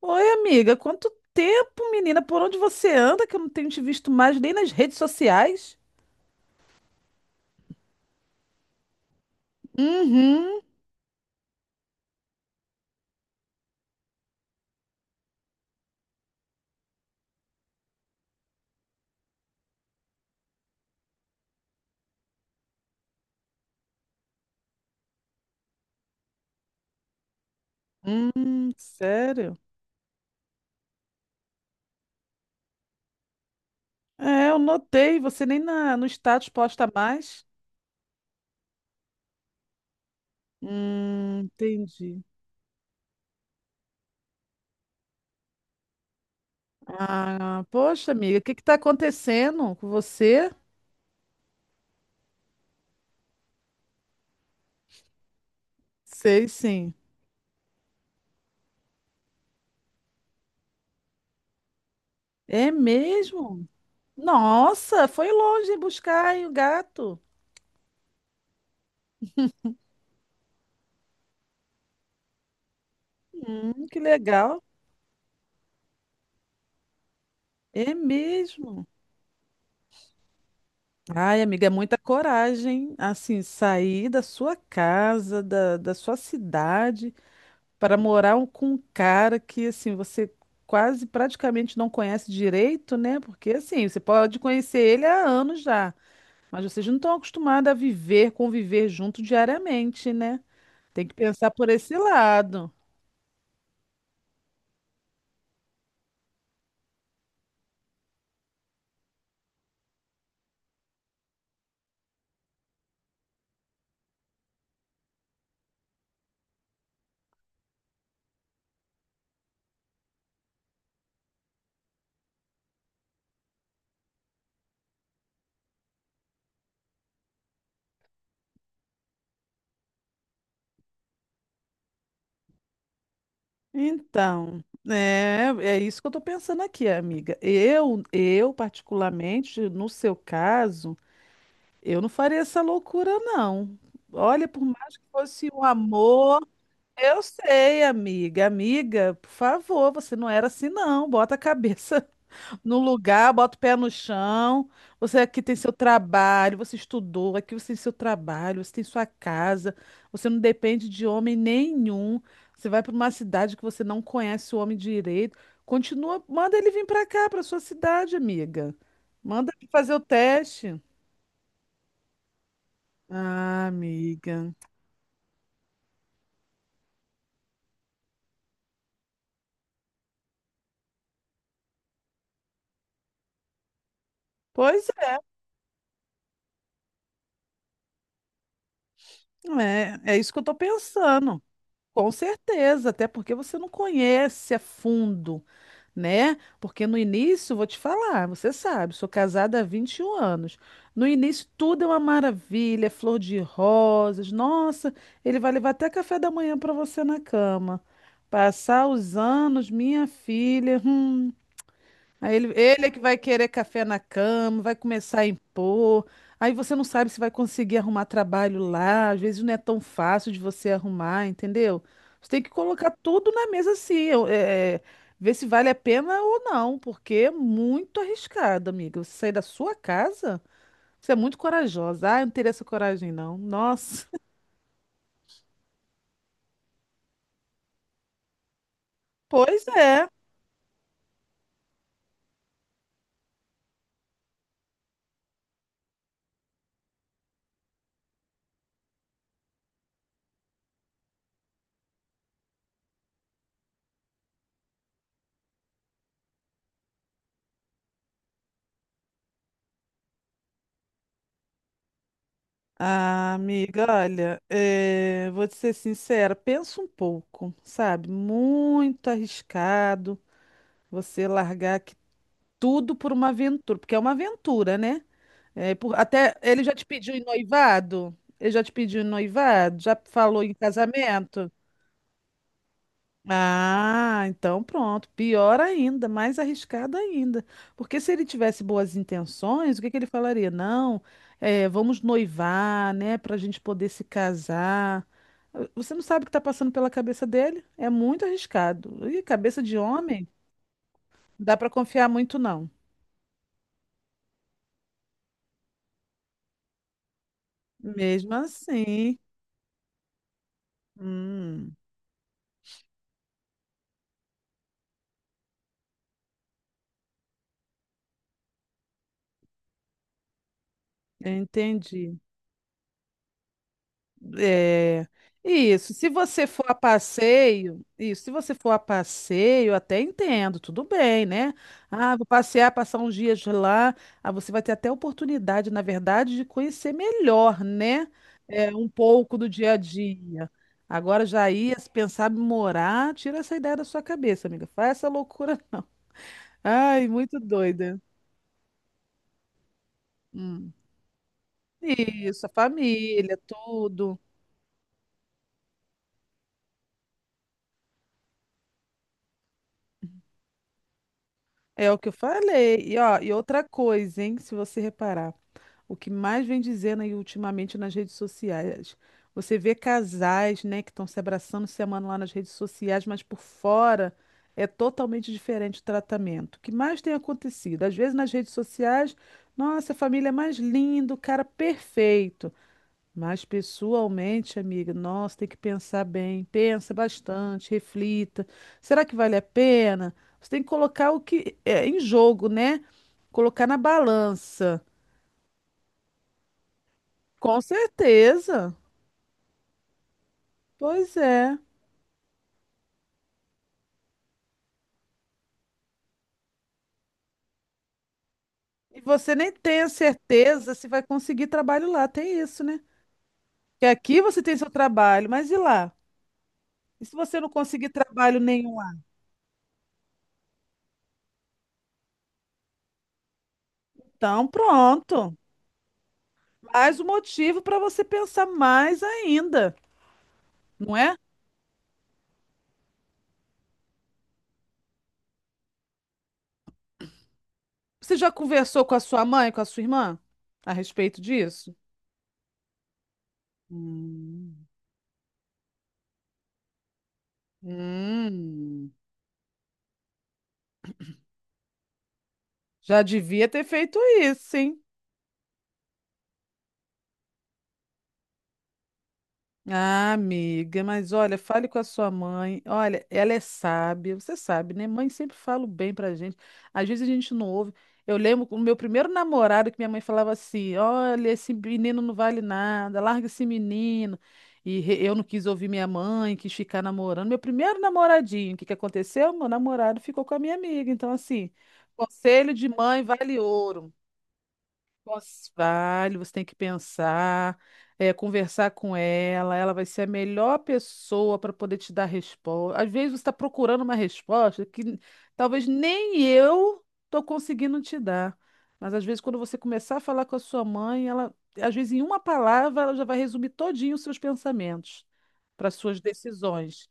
Oi, amiga, quanto tempo, menina? Por onde você anda que eu não tenho te visto mais nem nas redes sociais? Uhum. Sério? É, eu notei, você nem no status posta mais. Entendi. Ah, poxa, amiga, o que que tá acontecendo com você? Sei, sim. É mesmo? Nossa, foi longe buscar aí o gato. Que legal. É mesmo? Ai, amiga, é muita coragem, assim, sair da sua casa, da sua cidade, para morar um- com um cara que, assim, você quase praticamente não conhece direito, né? Porque, assim, você pode conhecer ele há anos já, mas vocês não estão acostumados a viver, conviver junto diariamente, né? Tem que pensar por esse lado. Então, é, é isso que eu tô pensando aqui, amiga. Eu particularmente, no seu caso. Eu não faria essa loucura, não. Olha, por mais que fosse um amor, eu sei, amiga. Amiga, por favor, você não era assim, não. Bota a cabeça no lugar, bota o pé no chão. Você aqui tem seu trabalho, você estudou, aqui você tem seu trabalho, você tem sua casa, você não depende de homem nenhum. Você vai para uma cidade que você não conhece o homem direito. Continua, manda ele vir para cá, para sua cidade, amiga. Manda ele fazer o teste. Ah, amiga. Pois é, é, é isso que eu tô pensando. Com certeza, até porque você não conhece a fundo, né? Porque no início, vou te falar, você sabe, sou casada há 21 anos. No início tudo é uma maravilha, é flor de rosas. Nossa, ele vai levar até café da manhã para você na cama. Passar os anos, minha filha. Aí ele é que vai querer café na cama, vai começar a impor. Aí você não sabe se vai conseguir arrumar trabalho lá. Às vezes não é tão fácil de você arrumar, entendeu? Você tem que colocar tudo na mesa assim, eu- é, é, ver se vale a pena ou não, porque é muito arriscado, amiga. Você sair da sua casa, você é muito corajosa. Ah, eu não teria essa coragem, não. Nossa. Pois é. Ah, amiga, olha, vou te ser sincera, pensa um pouco, sabe? Muito arriscado você largar aqui tudo por uma aventura, porque é uma aventura, né? É, por- até ele já te pediu em noivado? Ele já te pediu em noivado? Já falou em casamento? Ah, então pronto. Pior ainda, mais arriscado ainda. Porque se ele tivesse boas intenções, o que que ele falaria? Não, vamos noivar, né, para a gente poder se casar. Você não sabe o que está passando pela cabeça dele? É muito arriscado. E cabeça de homem, não dá para confiar muito, não. Mesmo assim, hum, eu entendi. É, isso. Se você for a passeio, isso. Se você for a passeio, até entendo, tudo bem, né? Ah, vou passear, passar uns dias lá. Ah, você vai ter até oportunidade, na verdade, de conhecer melhor, né? É, um pouco do dia a dia. Agora já ia se pensar em morar, tira essa ideia da sua cabeça, amiga. Faz essa loucura, não. Ai, muito doida. Hum. Isso, a família, tudo. É o que eu falei. E, ó, e outra coisa, hein? Se você reparar, o que mais vem dizendo aí ultimamente nas redes sociais, você vê casais, né, que estão se abraçando, se amando lá nas redes sociais, mas por fora é totalmente diferente o tratamento. O que mais tem acontecido? Às vezes nas redes sociais, nossa, a família é mais linda, o cara perfeito. Mas pessoalmente, amiga, nossa, tem que pensar bem, pensa bastante, reflita. Será que vale a pena? Você tem que colocar o que é em jogo, né? Colocar na balança. Com certeza. Pois é. E você nem tem a certeza se vai conseguir trabalho lá, tem isso, né? Que aqui você tem seu trabalho, mas e lá? E se você não conseguir trabalho nenhum, então pronto. Mais um motivo para você pensar mais ainda, não é? Você já conversou com a sua mãe, com a sua irmã a respeito disso? Hum. Hum, já devia ter feito isso, hein? Ah, amiga, mas olha, fale com a sua mãe. Olha, ela é sábia, você sabe, né? Mãe sempre fala o bem pra gente. Às vezes a gente não ouve. Eu lembro o meu primeiro namorado que minha mãe falava assim: olha, esse menino não vale nada, larga esse menino. E re- eu não quis ouvir minha mãe, quis ficar namorando. Meu primeiro namoradinho, o que que aconteceu? Meu namorado ficou com a minha amiga. Então, assim, conselho de mãe vale ouro. Cons- vale, você tem que pensar, é, conversar com ela, ela vai ser a melhor pessoa para poder te dar resposta. Às vezes você está procurando uma resposta que n- talvez nem eu estou conseguindo te dar. Mas às vezes quando você começar a falar com a sua mãe, ela, às vezes em uma palavra, ela já vai resumir todinho os seus pensamentos para suas decisões.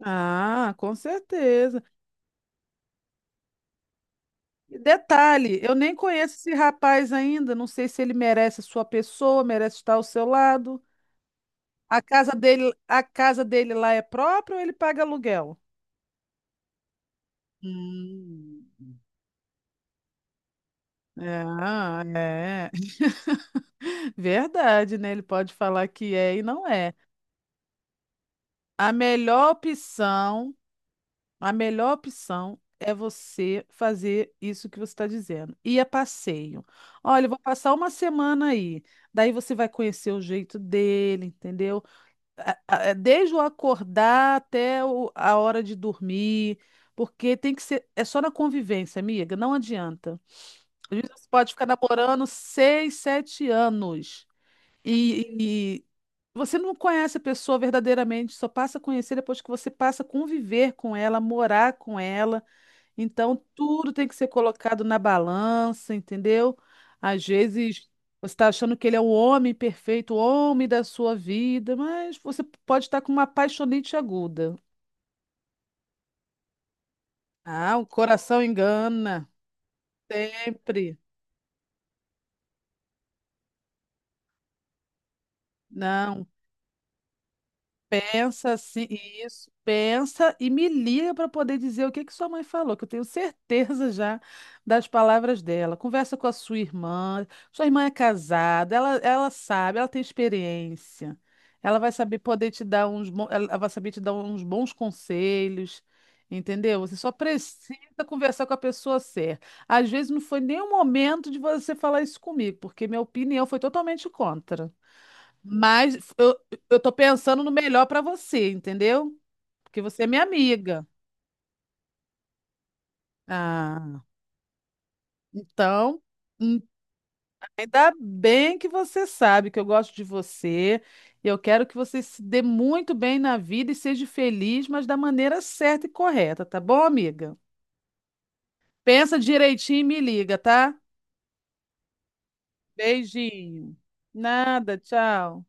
Ah, com certeza. E detalhe, eu nem conheço esse rapaz ainda, não sei se ele merece a sua pessoa, merece estar ao seu lado. A casa dele lá é própria ou ele paga aluguel? Hum. É, ah, é. Verdade, né? Ele pode falar que é e não é. A melhor opção, a melhor opção é você fazer isso que você está dizendo. Ir a passeio. Olha, eu vou passar uma semana aí. Daí você vai conhecer o jeito dele, entendeu? A- é, desde o acordar até o- a hora de dormir, porque tem que ser, é só na convivência, amiga, não adianta. Às vezes você pode ficar namorando 6, 7 anos e você não conhece a pessoa verdadeiramente, só passa a conhecer depois que você passa a conviver com ela, morar com ela. Então, tudo tem que ser colocado na balança, entendeu? Às vezes, você está achando que ele é o homem perfeito, o homem da sua vida, mas você pode estar com uma apaixonite aguda. Ah, o coração engana, sempre. Não. Pensa assim, isso, pensa e me liga para poder dizer o que que sua mãe falou, que eu tenho certeza já das palavras dela. Conversa com a sua irmã. Sua irmã é casada, ela sabe, ela tem experiência. Ela vai saber poder te dar uns bons, ela vai saber te dar uns bons conselhos, entendeu? Você só precisa conversar com a pessoa certa. Às vezes não foi nem o momento de você falar isso comigo, porque minha opinião foi totalmente contra. Mas eu tô pensando no melhor pra você, entendeu? Porque você é minha amiga. Ah, então, hum, ainda bem que você sabe que eu gosto de você. Eu quero que você se dê muito bem na vida e seja feliz, mas da maneira certa e correta, tá bom, amiga? Pensa direitinho e me liga, tá? Beijinho. Nada, tchau.